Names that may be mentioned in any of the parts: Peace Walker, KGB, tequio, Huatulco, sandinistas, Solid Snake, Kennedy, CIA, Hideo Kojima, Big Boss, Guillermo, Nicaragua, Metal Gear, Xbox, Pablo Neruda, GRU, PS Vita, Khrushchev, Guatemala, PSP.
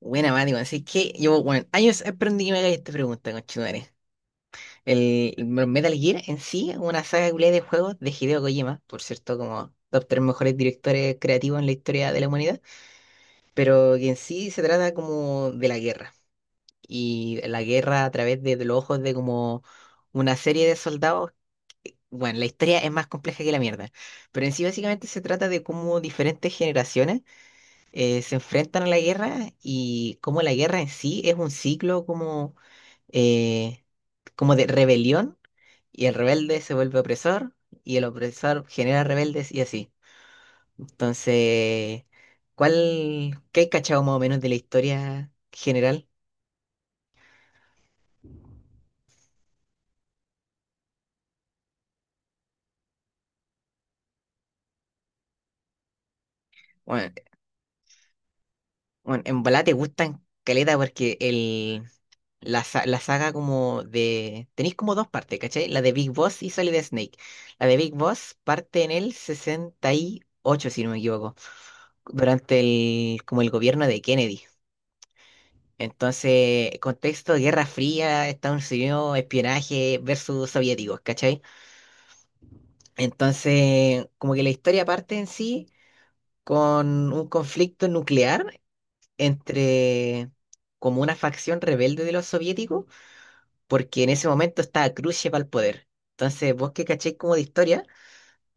Buena, Mati, weón. Así que llevo, años aprendí que me hagáis esta pregunta, conchetumare. El Metal Gear en sí es una saga culiá de juegos de Hideo Kojima, por cierto, como top tres mejores directores creativos en la historia de la humanidad, pero que en sí se trata como de la guerra. Y la guerra a través de los ojos de como una serie de soldados. Bueno, la historia es más compleja que la mierda, pero en sí básicamente se trata de cómo diferentes generaciones se enfrentan a la guerra y cómo la guerra en sí es un ciclo como eh, como de rebelión y el rebelde se vuelve opresor y el opresor genera rebeldes y así. Entonces, ¿cuál, qué hay cachado más o menos de la historia general? Bueno, bueno, en volada te gustan caleta porque la saga como de... Tenéis como dos partes, ¿cachai? La de Big Boss y Solid Snake. La de Big Boss parte en el 68 si no me equivoco, durante el, como el gobierno de Kennedy. Entonces, contexto, Guerra Fría, Estados Unidos, espionaje versus soviéticos, ¿cachai? Entonces, como que la historia parte en sí con un conflicto nuclear entre como una facción rebelde de los soviéticos, porque en ese momento estaba Khrushchev al poder. Entonces, vos que cacháis como de historia,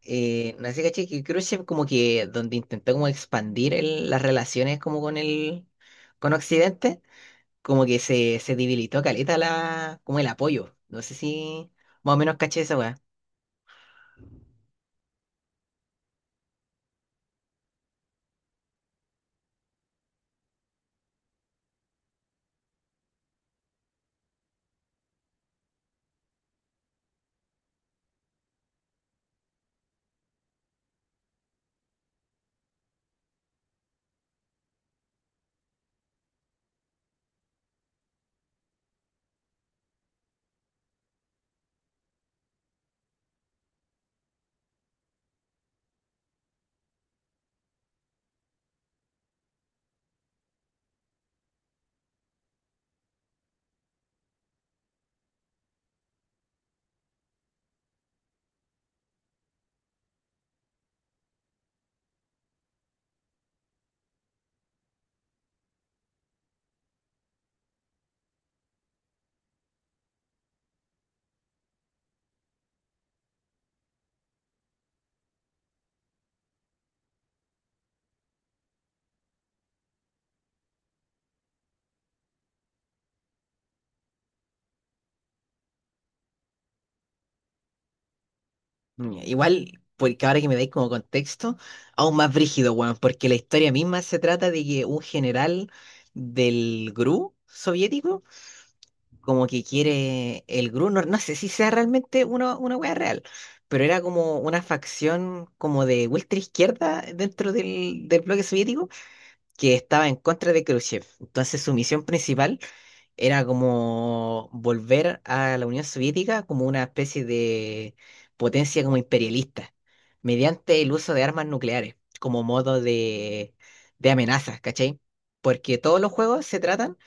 no sé, caché que Khrushchev como que donde intentó como expandir el- las relaciones como con el, con Occidente como que se debilitó caleta la, como el apoyo. No sé si más o menos caché esa weá. Mm, igual, porque ahora que me dais como contexto, aún más brígido, weón, porque la historia misma se trata de que un general del GRU soviético, como que quiere el GRU, no, no sé si sea realmente uno, una wea real, pero era como una facción como de ultra izquierda dentro del bloque soviético que estaba en contra de Khrushchev. Entonces su misión principal era como volver a la Unión Soviética como una especie de potencia como imperialista, mediante el uso de armas nucleares como modo de amenaza, ¿cachai? Porque todos los juegos se tratan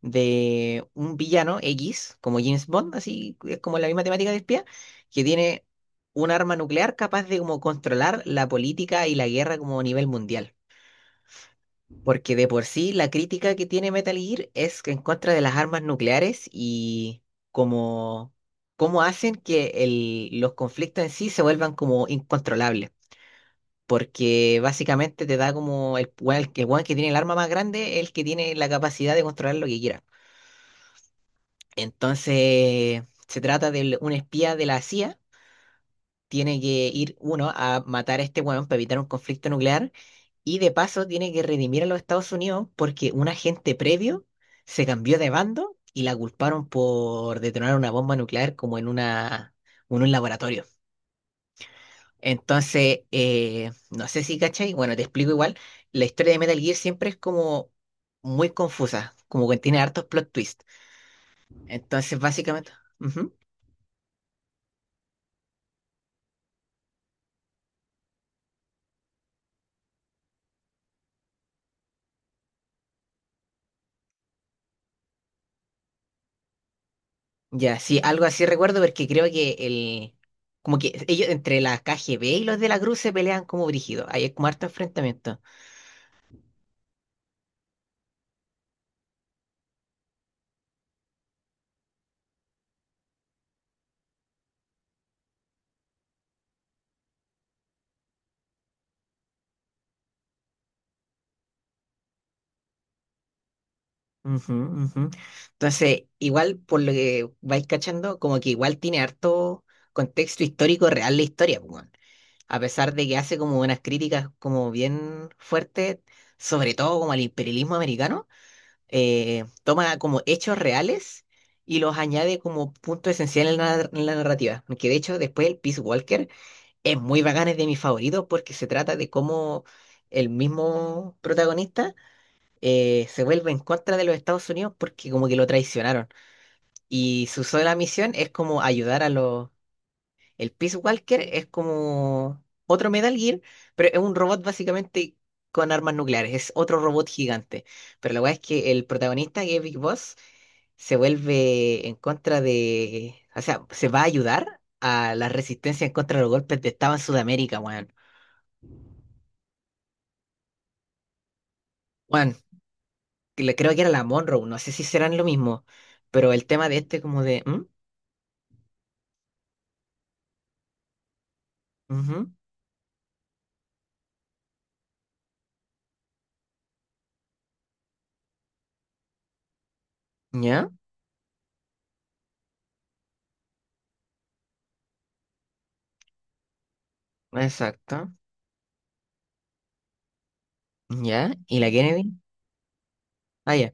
de un villano X, como James Bond, así es como la misma temática de espía, que tiene un arma nuclear capaz de como controlar la política y la guerra como a nivel mundial. Porque de por sí la crítica que tiene Metal Gear es en contra de las armas nucleares y como cómo hacen que el- los conflictos en sí se vuelvan como incontrolables. Porque básicamente te da como el, weón que tiene el arma más grande, el que tiene la capacidad de controlar lo que quiera. Entonces se trata de un espía de la CIA, tiene que ir uno a matar a este weón para evitar un conflicto nuclear y de paso tiene que redimir a los Estados Unidos porque un agente previo se cambió de bando y la culparon por detonar una bomba nuclear como en una, en un laboratorio. Entonces, no sé si cachai, bueno, te explico igual, la historia de Metal Gear siempre es como muy confusa, como que tiene hartos plot twists. Entonces, básicamente... Ujú. Ya, sí, algo así recuerdo porque creo que el... Como que ellos entre la KGB y los de la Cruz se pelean como brígidos. Hay como harto enfrentamiento. Ujú. Entonces, igual por lo que vais cachando, como que igual tiene harto contexto histórico real la historia, pues, weón. A pesar de que hace como unas críticas como bien fuertes, sobre todo como al imperialismo americano, toma como hechos reales y los añade como punto esencial en en la narrativa. Que de hecho después el Peace Walker es muy bacán, es de mis favoritos porque se trata de cómo el mismo protagonista se vuelve en contra de los Estados Unidos porque como que lo traicionaron. Y su sola misión es como ayudar a los... El Peace Walker es como otro Metal Gear, pero es un robot básicamente con armas nucleares, es otro robot gigante. Pero la verdad es que el protagonista, que es Big Boss, se vuelve en contra de... O sea, se va a ayudar a la resistencia en contra de los golpes de Estado en Sudamérica, weón. Bueno, que le- creo que era la Monroe, no sé si serán lo mismo, pero el tema de este como de, ¿mm? Ujú, ¿ya? Exacto, ¿ya? ¿Y la Kennedy? Ah, ya,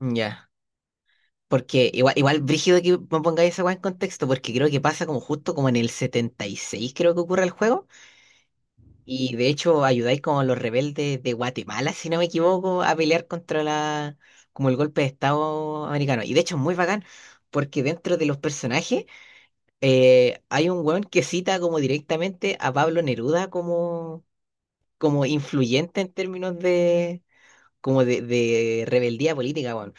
ujú, ¿ya? Porque igual, igual brígido que me pongáis esa weá en contexto, porque creo que pasa como justo como en el 76, creo que ocurre el juego, y de hecho ayudáis como a los rebeldes de Guatemala, si no me equivoco, a pelear contra la, como el golpe de Estado americano. Y de hecho es muy bacán, porque dentro de los personajes, hay un weón que cita como directamente a Pablo Neruda como, como influyente en términos como de rebeldía política, weón.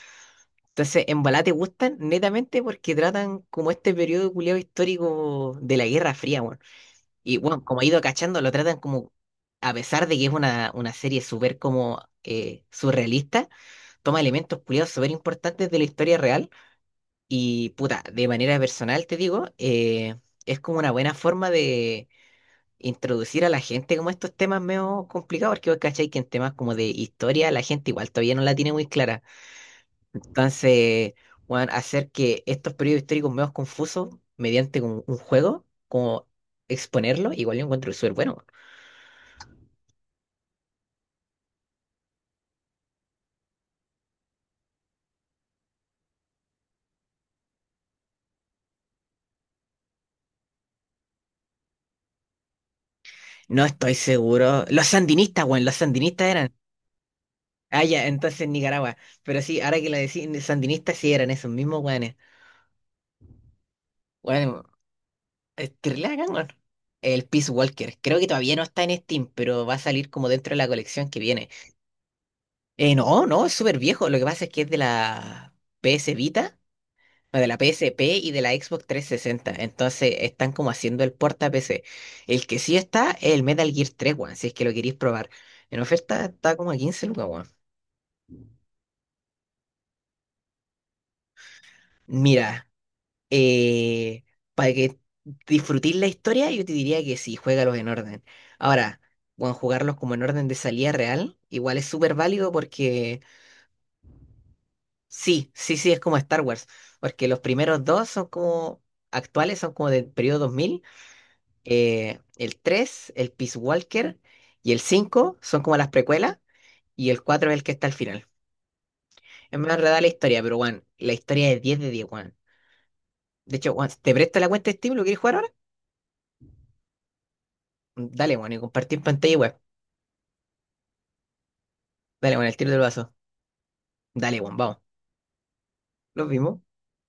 Entonces, en Balá te gustan netamente porque tratan como este periodo culiao histórico de la Guerra Fría, weón. Y, bueno como he ido cachando, lo tratan como, a pesar de que es una serie súper como surrealista, toma elementos culiados súper importantes de la historia real. Y, puta, de manera personal te digo, es como una buena forma introducir a la gente como estos temas medio complicados, porque vos cachai que en temas como de historia la gente igual todavía no la tiene muy clara. Entonces, weón, hacer que estos periodos históricos medio confusos mediante un juego, como exponerlo, igual yo encuentro súper bueno, weón. No estoy seguro. Los sandinistas, weón, los sandinistas eran. Ah, ya, entonces Nicaragua. Pero sí, ahora que lo decís, sandinistas sí eran esos mismos weones. Weón, es terrible, bacán, weón. El Peace Walker. Creo que todavía no está en Steam, pero va a salir como dentro de la colección que viene. No, no, es súper viejo. Lo que pasa es que es de la PS Vita, o de la PSP y de la Xbox 360. Entonces están como haciendo el porta PC. El que sí está es el Metal Gear 3, weón, si es que lo queréis probar. En oferta está como a 15 lucas, weón. Mira, eh, para que disfrutéis la historia, yo te diría que sí, juégalos en orden. Ahora, bueno, jugarlos como en orden de salida real, igual es súper válido porque. Sí, sí, sí, es como Star Wars, porque los primeros dos son como actuales, son como del periodo 2000, el 3, el Peace Walker, y el 5 son como las precuelas, y el 4 es el que está al final. Es más enredada la historia, pero Juan, la historia es 10 de diez, Juan. De hecho, Juan, ¿te presto la cuenta de Steam? ¿Lo quieres jugar ahora? Dale, Juan, y compartir pantalla y web. Dale, Juan, el tiro del vaso. Dale, Juan, vamos. Los vimos.